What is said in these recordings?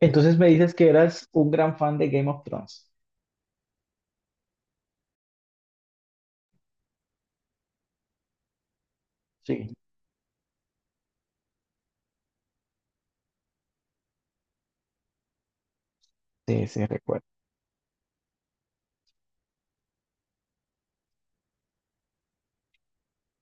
Entonces me dices que eras un gran fan de Game of Thrones. Sí. Sí, sí, recuerdo.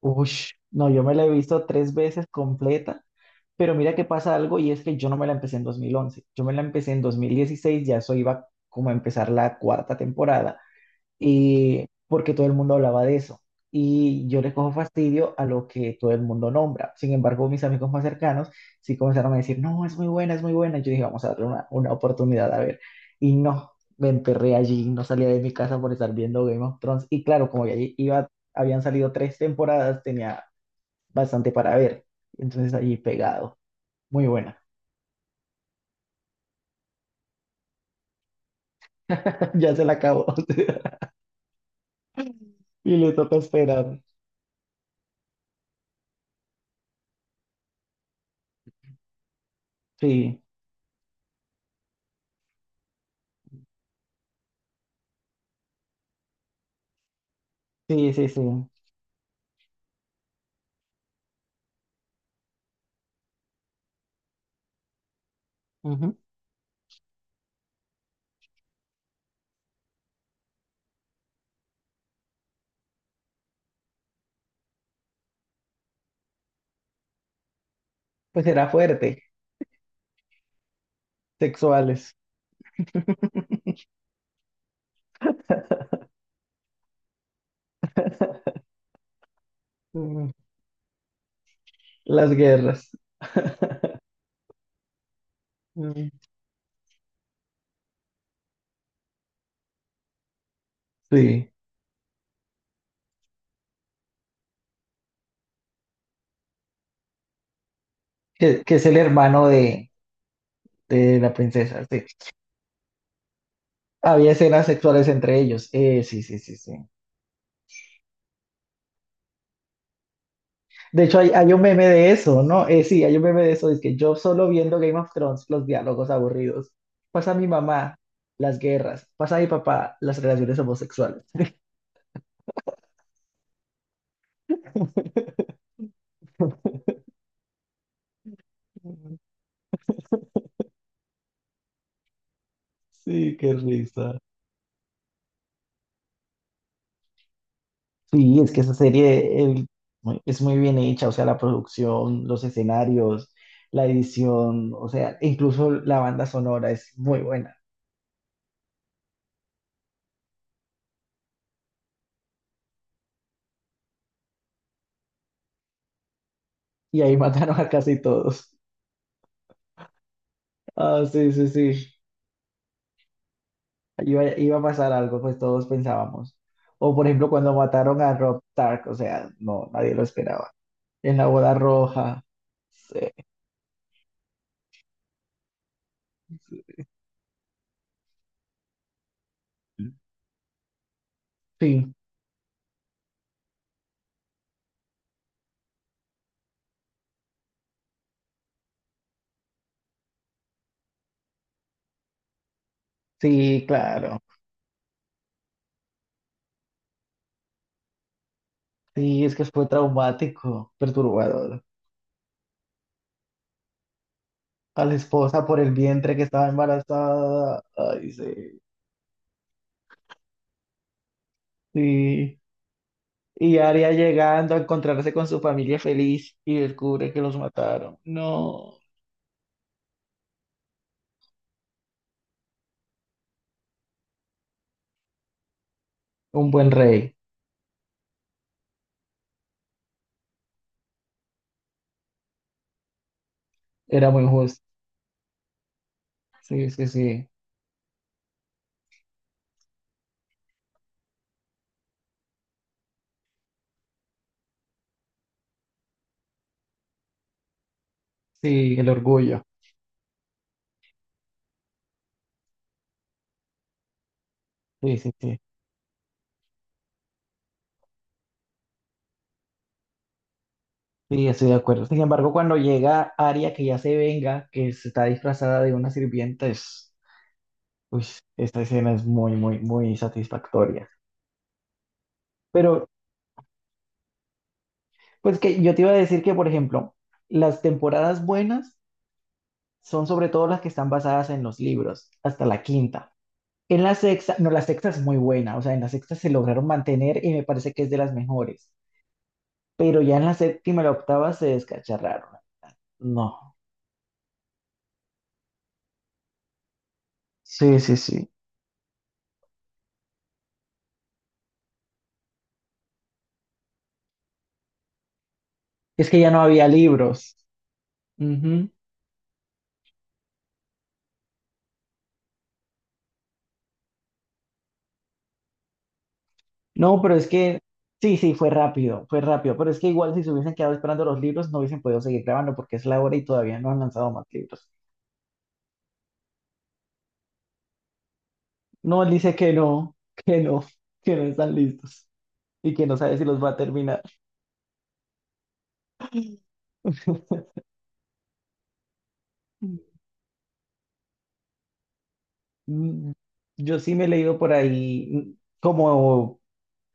Ush, no, yo me la he visto tres veces completa, pero mira que pasa algo y es que yo no me la empecé en 2011. Yo me la empecé en 2016. Ya eso iba como a empezar la cuarta temporada. Y porque todo el mundo hablaba de eso. Y yo le cojo fastidio a lo que todo el mundo nombra. Sin embargo, mis amigos más cercanos sí comenzaron a decir, no, es muy buena, es muy buena. Y yo dije, vamos a darle una oportunidad a ver. Y no, me enterré allí, no salía de mi casa por estar viendo Game of Thrones. Y claro, como ya allí iba, habían salido tres temporadas, tenía bastante para ver. Entonces allí pegado, muy buena. Ya se la acabó. Y le toca esperar. Sí, sí, sí, sí. Ujú. Pues era fuerte. Sexuales. mm, las guerras. Mm. Sí, que es el hermano de la princesa. Sí. Había escenas sexuales entre ellos. Sí, sí, sí, sí. De hecho, hay un meme de eso, ¿no? Sí, hay un meme de eso. Es que yo solo viendo Game of Thrones, los diálogos aburridos. Pasa mi mamá, las guerras. Pasa mi papá, las relaciones homosexuales. Sí, qué risa. Sí, es que esa serie es muy bien hecha, o sea, la producción, los escenarios, la edición, o sea, incluso la banda sonora es muy buena. Y ahí mataron a casi todos. Ah, sí, sí, sí. Iba a pasar algo, pues todos pensábamos. O por ejemplo, cuando mataron a Rob Stark, o sea, no, nadie lo esperaba. En la boda roja. Sí, sí, sí, claro. Sí, es que fue traumático, perturbador. A la esposa por el vientre que estaba embarazada. Ay, sí. Sí. Y Arya llegando a encontrarse con su familia feliz y descubre que los mataron. No. Un buen rey. Era muy justo. Sí, sí, sí. Sí, el orgullo. Sí, sí, sí. Sí, estoy de acuerdo. Sin embargo, cuando llega Arya, que ya se venga, que se está disfrazada de una sirvienta, es... Uy, esta escena es muy, muy, muy satisfactoria. Pero, pues que yo te iba a decir que, por ejemplo, las temporadas buenas son sobre todo las que están basadas en los libros, hasta la quinta. En la sexta, no, la sexta es muy buena, o sea, en la sexta se lograron mantener y me parece que es de las mejores, pero ya en la séptima y la octava se descacharraron. No, sí, sí, sí. Es que ya no había libros. Ujú. No, pero es que, sí, sí, fue rápido, pero es que igual si se hubiesen quedado esperando los libros no hubiesen podido seguir grabando porque es la hora y todavía no han lanzado más libros. No, él dice que no, que no, que no están listos y que no sabe si los va a terminar. Mm. Mm. Yo sí me he leído por ahí, como,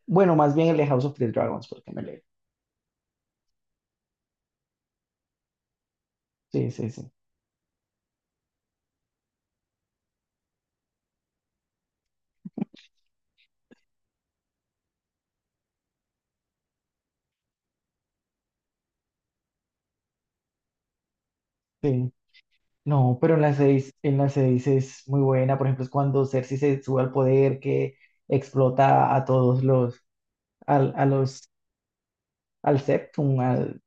bueno, más bien el de House of the Dragons, porque me leí. Sí, sí, sí, sí. No, pero en las seis es muy buena. Por ejemplo, es cuando Cersei se sube al poder, que explota a todos los, al, a los, al Septum, al,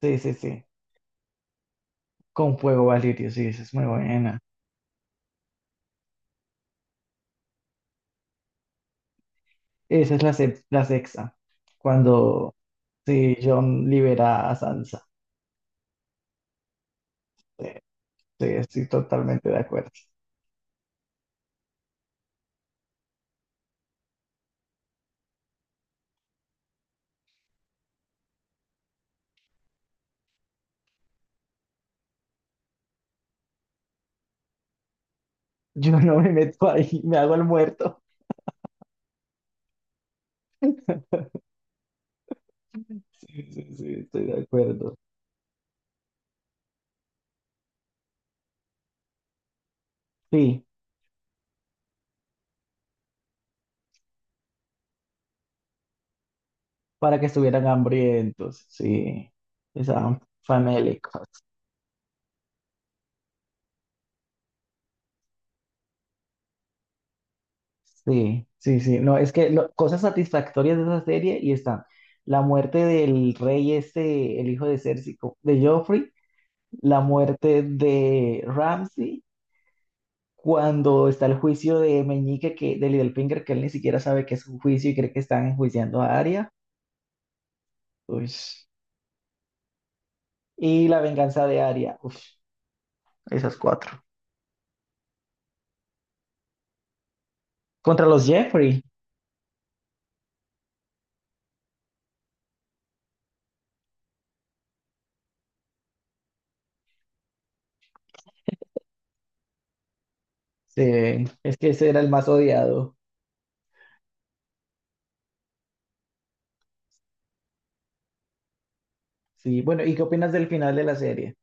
sí, sí, sí, con fuego valirio, sí, esa es muy buena. Esa es la sexta, cuando, sí, Jon libera a Sansa. Sí, sí, estoy totalmente de acuerdo. Yo no me meto ahí, me hago el muerto. Sí, sí, sí, estoy de acuerdo. Sí, para que estuvieran hambrientos, sí, estaban famélicos. Sí, sí, sí. No, es que cosas satisfactorias de esa serie y están la muerte del rey este, el hijo de Cersei, de Joffrey, la muerte de Ramsay, cuando está el juicio de Meñique, que, de Littlefinger, que él ni siquiera sabe que es un juicio y cree que están enjuiciando a Arya. Uy. Y la venganza de Arya. Uf. Esas cuatro. Contra los Jeffrey. Sí, es que ese era el más odiado. Sí, bueno, ¿y qué opinas del final de la serie?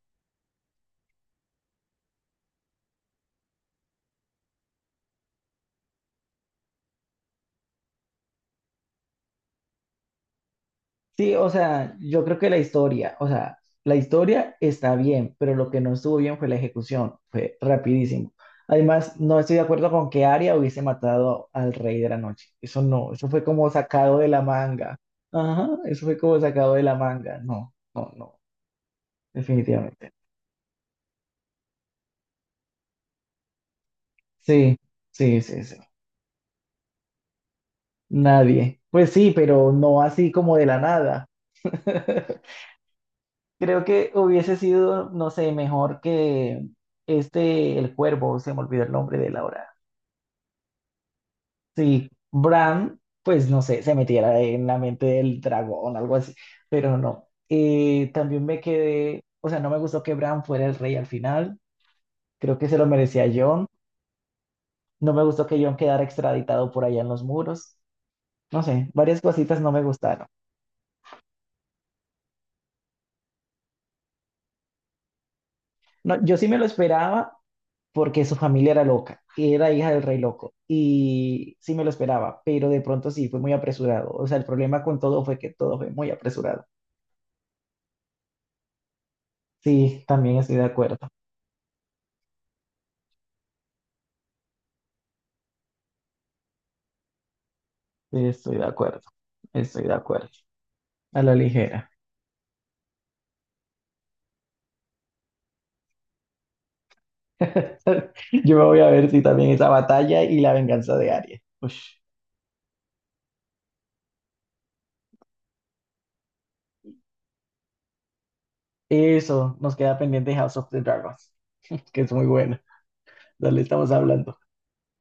Sí, o sea, yo creo que la historia, o sea, la historia está bien, pero lo que no estuvo bien fue la ejecución, fue rapidísimo. Además, no estoy de acuerdo con que Arya hubiese matado al Rey de la Noche. Eso no, eso fue como sacado de la manga. Ajá, eso fue como sacado de la manga. No, no, no, definitivamente. Sí, sí, sí, sí. Nadie. Pues sí, pero no así como de la nada. Creo que hubiese sido, no sé, mejor que este, el cuervo, se me olvidó el nombre de la hora. Sí, Bran, pues no sé, se metiera en la mente del dragón, algo así, pero no. También me quedé, o sea, no me gustó que Bran fuera el rey al final, creo que se lo merecía Jon, no me gustó que Jon quedara extraditado por allá en los muros, no sé, varias cositas no me gustaron. No, yo sí me lo esperaba, porque su familia era loca, era hija del rey loco y sí me lo esperaba, pero de pronto sí, fue muy apresurado. O sea, el problema con todo fue que todo fue muy apresurado. Sí, también estoy de acuerdo, estoy de acuerdo, estoy de acuerdo, a la ligera. Yo me voy a ver si también esa batalla y la venganza de Arya. Ush. Eso, nos queda pendiente House of the Dragons, que es muy bueno. Dale, estamos hablando.